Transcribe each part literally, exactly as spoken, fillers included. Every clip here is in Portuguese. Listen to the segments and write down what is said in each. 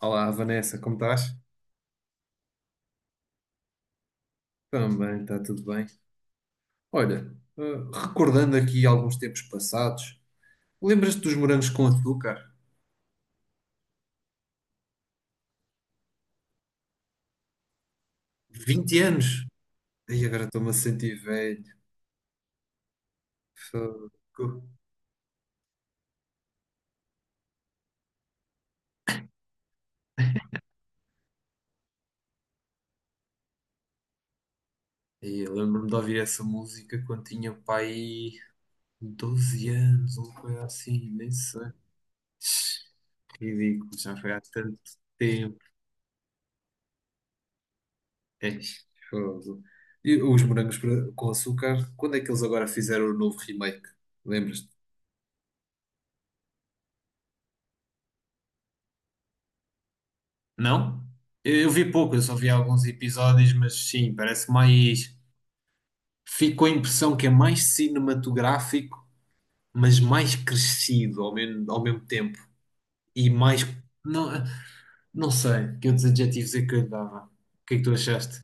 Olá, Vanessa, como estás? Também, está tudo bem. Olha, eh, recordando aqui alguns tempos passados, lembras-te dos morangos com açúcar? Vinte anos! E agora estou-me a sentir velho. Fogo. E eu lembro-me de ouvir essa música quando tinha pai doze anos, ou coisa assim, nem sei. Ridículo, já foi há tanto tempo. É, fogo. E os morangos pra- com açúcar, quando é que eles agora fizeram o novo remake? Lembras Não? Eu vi pouco, eu só vi alguns episódios, mas sim, parece mais. Fico com a impressão que é mais cinematográfico, mas mais crescido ao mesmo, ao mesmo tempo. E mais. Não, não sei que outros adjetivos é que eu lhe dava. O que é que tu achaste?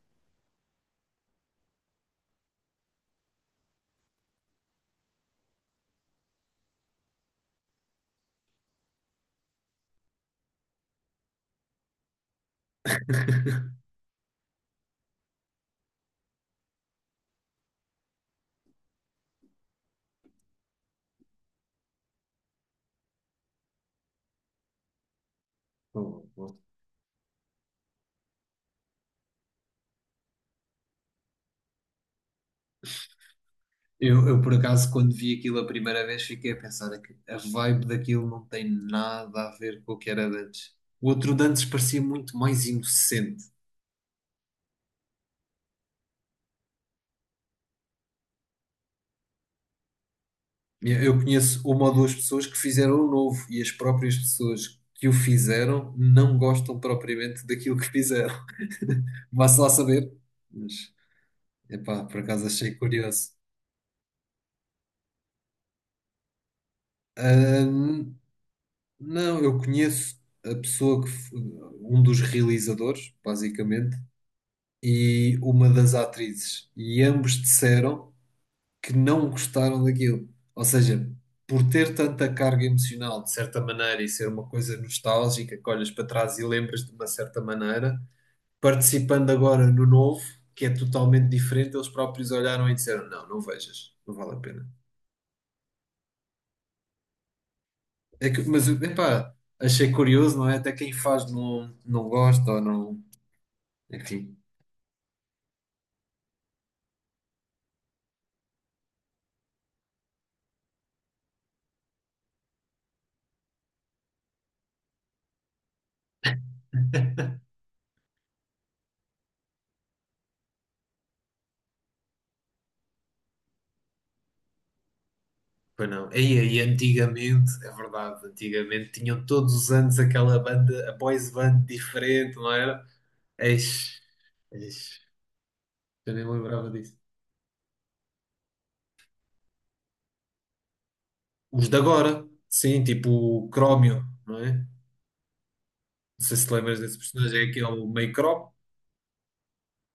Bom, bom. Eu, eu, por acaso, quando vi aquilo a primeira vez, fiquei a pensar que a vibe daquilo não tem nada a ver com o que era de antes. O outro de antes parecia muito mais inocente. Eu eu conheço uma ou duas pessoas que fizeram o novo e as próprias pessoas que o fizeram não gostam propriamente daquilo que fizeram. Vá-se lá saber. Mas, epá, por acaso achei curioso. Ahn, não, eu conheço a pessoa que, f- um dos realizadores, basicamente, e uma das atrizes. E ambos disseram. que não gostaram daquilo. Ou seja, por ter tanta carga emocional, de certa maneira, e ser uma coisa nostálgica que olhas para trás e lembras de uma certa maneira, participando agora no novo, que é totalmente diferente, eles próprios olharam e disseram: não, não vejas, não vale a pena. É que, mas, epá, achei curioso, não é? Até quem faz não, não gosta ou não. Enfim. Pois não. E aí, antigamente, é verdade, antigamente tinham todos os anos aquela banda, a boys band diferente, não era? Eis, eis, eu nem me lembrava disso. Os de agora, sim, tipo o Crómio, não é? Não sei se te lembras desse personagem, é que é o meio Crómio,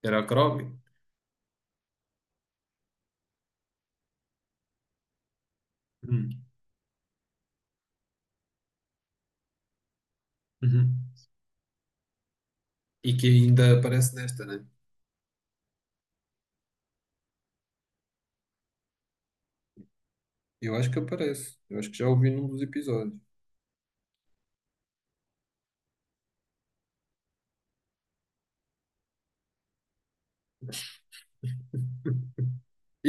era o Crómio. Hum, uhum. E que ainda aparece nesta, né? Eu acho que aparece. Eu acho que já ouvi num dos episódios.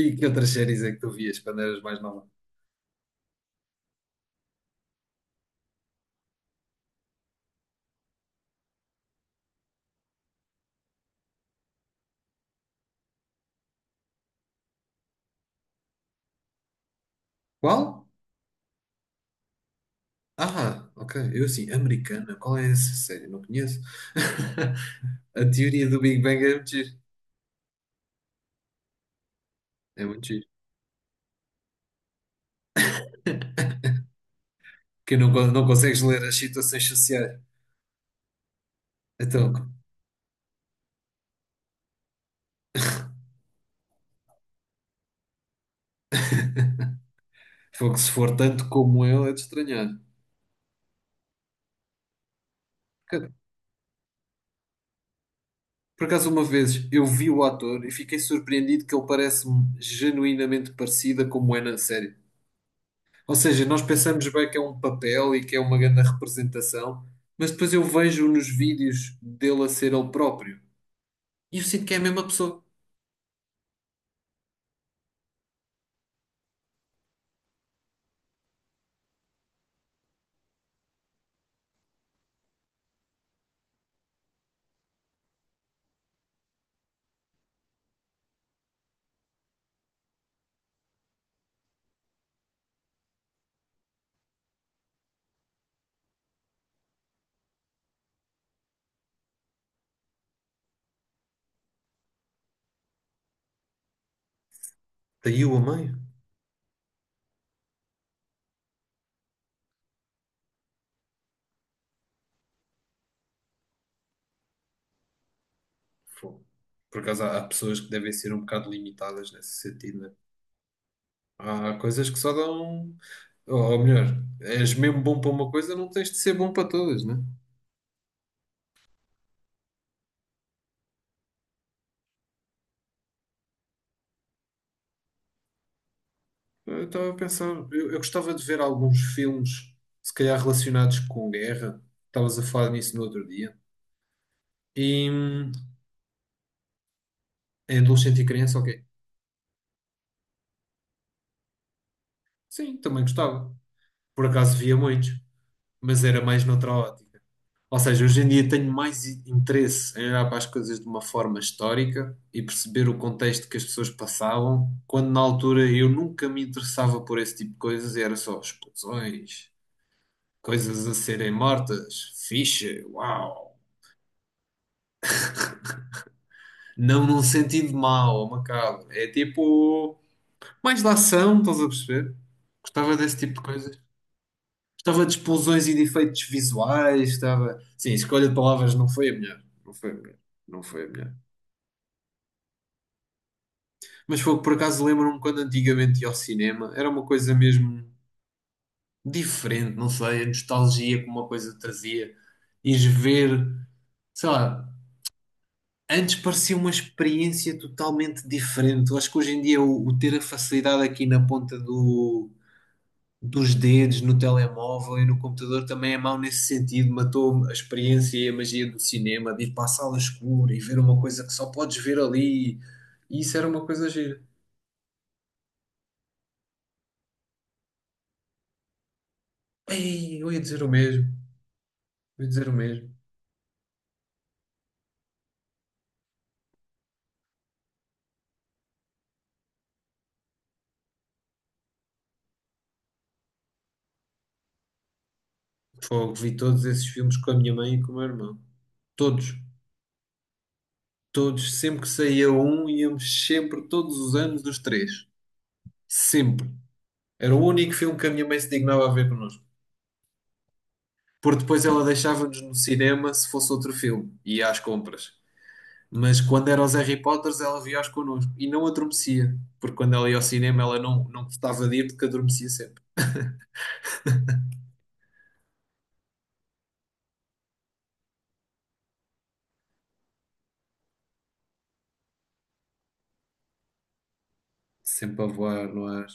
E que outras séries é que tu vias quando eras mais nova? Qual? Ah, ok. Eu assim, americana? Qual é essa série? Não conheço. A teoria do Big Bang é muito giro. É muito giro. Que não, con- não consegues ler as situações sociais. Então, fogo, se for tanto como ele, é de estranhar. Cara, Por acaso, uma vez eu vi o ator e fiquei surpreendido que ele parece-me genuinamente parecida como é na série. Ou seja, nós pensamos bem que é um papel e que é uma grande representação, mas depois eu vejo nos vídeos dele a ser ele próprio e eu sinto que é a mesma pessoa. Caiu a meio? Fogo. Por acaso há, há pessoas que devem ser um bocado limitadas nesse sentido, né? Há coisas que só dão. um, Ou, ou melhor, és mesmo bom para uma coisa, não tens de ser bom para todas, né? Eu estava a pensar, eu, eu gostava de ver alguns filmes, se calhar relacionados com guerra. Estavas a falar nisso no outro dia. E hum, em adolescente e criança, ok. Sim, também gostava. Por acaso via muitos, mas era mais noutra ótica. Ou seja, hoje em dia tenho mais i- interesse em olhar para as coisas de uma forma histórica e perceber o contexto que as pessoas passavam, quando na altura eu nunca me interessava por esse tipo de coisas e era só explosões, coisas a serem mortas, fixe, uau. Não num sentido mau ou macabro, é tipo mais da ação, estás a perceber? Gostava desse tipo de coisas. Gostava de explosões e de efeitos visuais, gostava. Sim, a escolha de palavras não foi a melhor. Não foi a melhor. Não foi a melhor. Mas foi por acaso lembro-me quando antigamente ia ao cinema, era uma coisa mesmo diferente, não sei, a nostalgia que uma coisa trazia. Ires ver, sei lá, antes parecia uma experiência totalmente diferente. Eu acho que hoje em dia o, o ter a facilidade aqui na ponta do, dos dedos, no telemóvel e no computador também é mau nesse sentido. Matou a experiência e a magia do cinema, de ir para a sala escura e ver uma coisa que só podes ver ali. E isso era uma coisa gira. Ei, eu ia dizer o mesmo. Vou dizer o mesmo. Fogo, vi todos esses filmes com a minha mãe e com o meu irmão. Todos. Todos. Sempre que saía um, íamos sempre, todos os anos, os três. Sempre. Era o único filme que a minha mãe se dignava a ver connosco. Porque depois ela deixava-nos no cinema se fosse outro filme. E ia às compras. Mas quando era os Harry Potters, ela via-os connosco. E não adormecia. Porque quando ela ia ao cinema, ela não, não gostava de ir porque adormecia sempre. Sempre a voar no ar.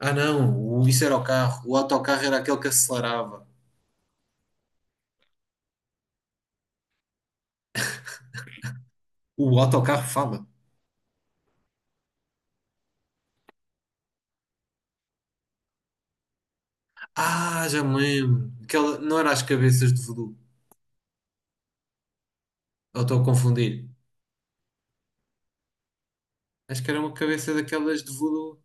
Ah, não. o- Isso era o carro. O autocarro era aquele que acelerava. O autocarro fala. Ah, já me lembro. Aquela, não era as cabeças de voodoo. Ou estou a confundir. Acho que era uma cabeça daquelas de voodoo.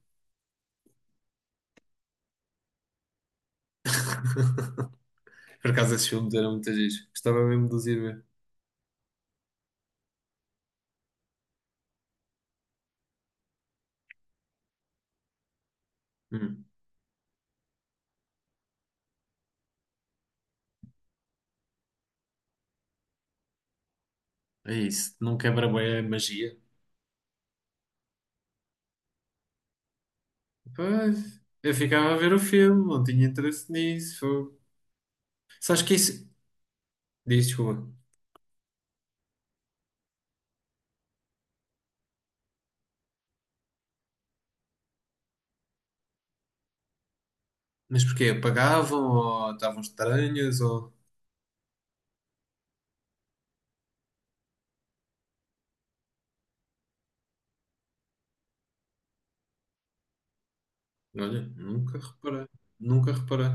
Por acaso esses filmes eram muitas vezes. Gostava mesmo de os ir ver. Hum, é isso. Não quebra bem a magia. Pois, eu ficava a ver o filme. Não tinha interesse nisso. Fogo. Sabes que isso... Diz, desculpa. Mas porquê? Apagavam ou estavam estranhas ou... Olha, nunca reparei. Nunca reparei.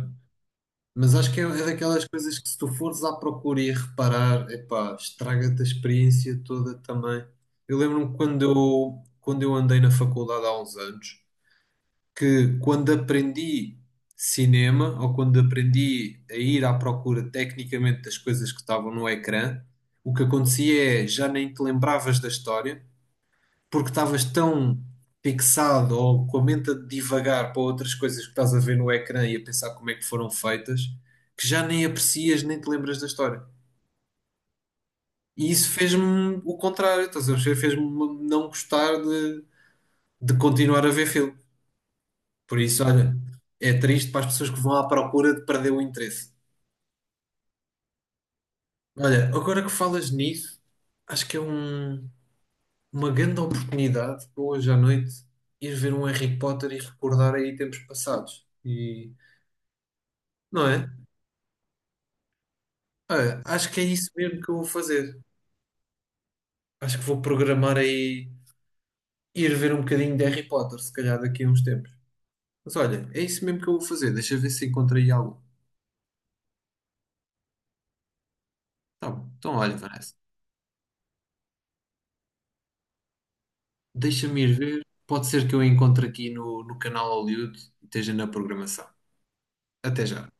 Mas acho que é, é daquelas coisas que se tu fores à procura e a reparar, epá, estraga-te a experiência toda também. Eu lembro-me quando eu, quando eu andei na faculdade há uns anos, que quando aprendi cinema, ou quando aprendi a ir à procura tecnicamente das coisas que estavam no ecrã, o que acontecia é, já nem te lembravas da história, porque estavas tão fixado ou com a mente a divagar para outras coisas que estás a ver no ecrã e a pensar como é que foram feitas, que já nem aprecias nem te lembras da história. E isso fez-me o contrário, estás a perceber? Fez-me não gostar de, de continuar a ver filme. Por isso, olha, é triste para as pessoas que vão à procura de perder o interesse. Olha, agora que falas nisso, acho que é um- uma grande oportunidade para hoje à noite ir ver um Harry Potter e recordar aí tempos passados. E Não é? Olha, acho que é isso mesmo que eu vou fazer. Acho que vou programar aí ir ver um bocadinho de Harry Potter, se calhar daqui a uns tempos. Mas olha, é isso mesmo que eu vou fazer. Deixa eu ver se encontro aí algo. Tá bom. Então olha, Vanessa, deixa-me ir ver. Pode ser que eu encontre aqui no, no canal Hollywood e esteja na programação. Até já.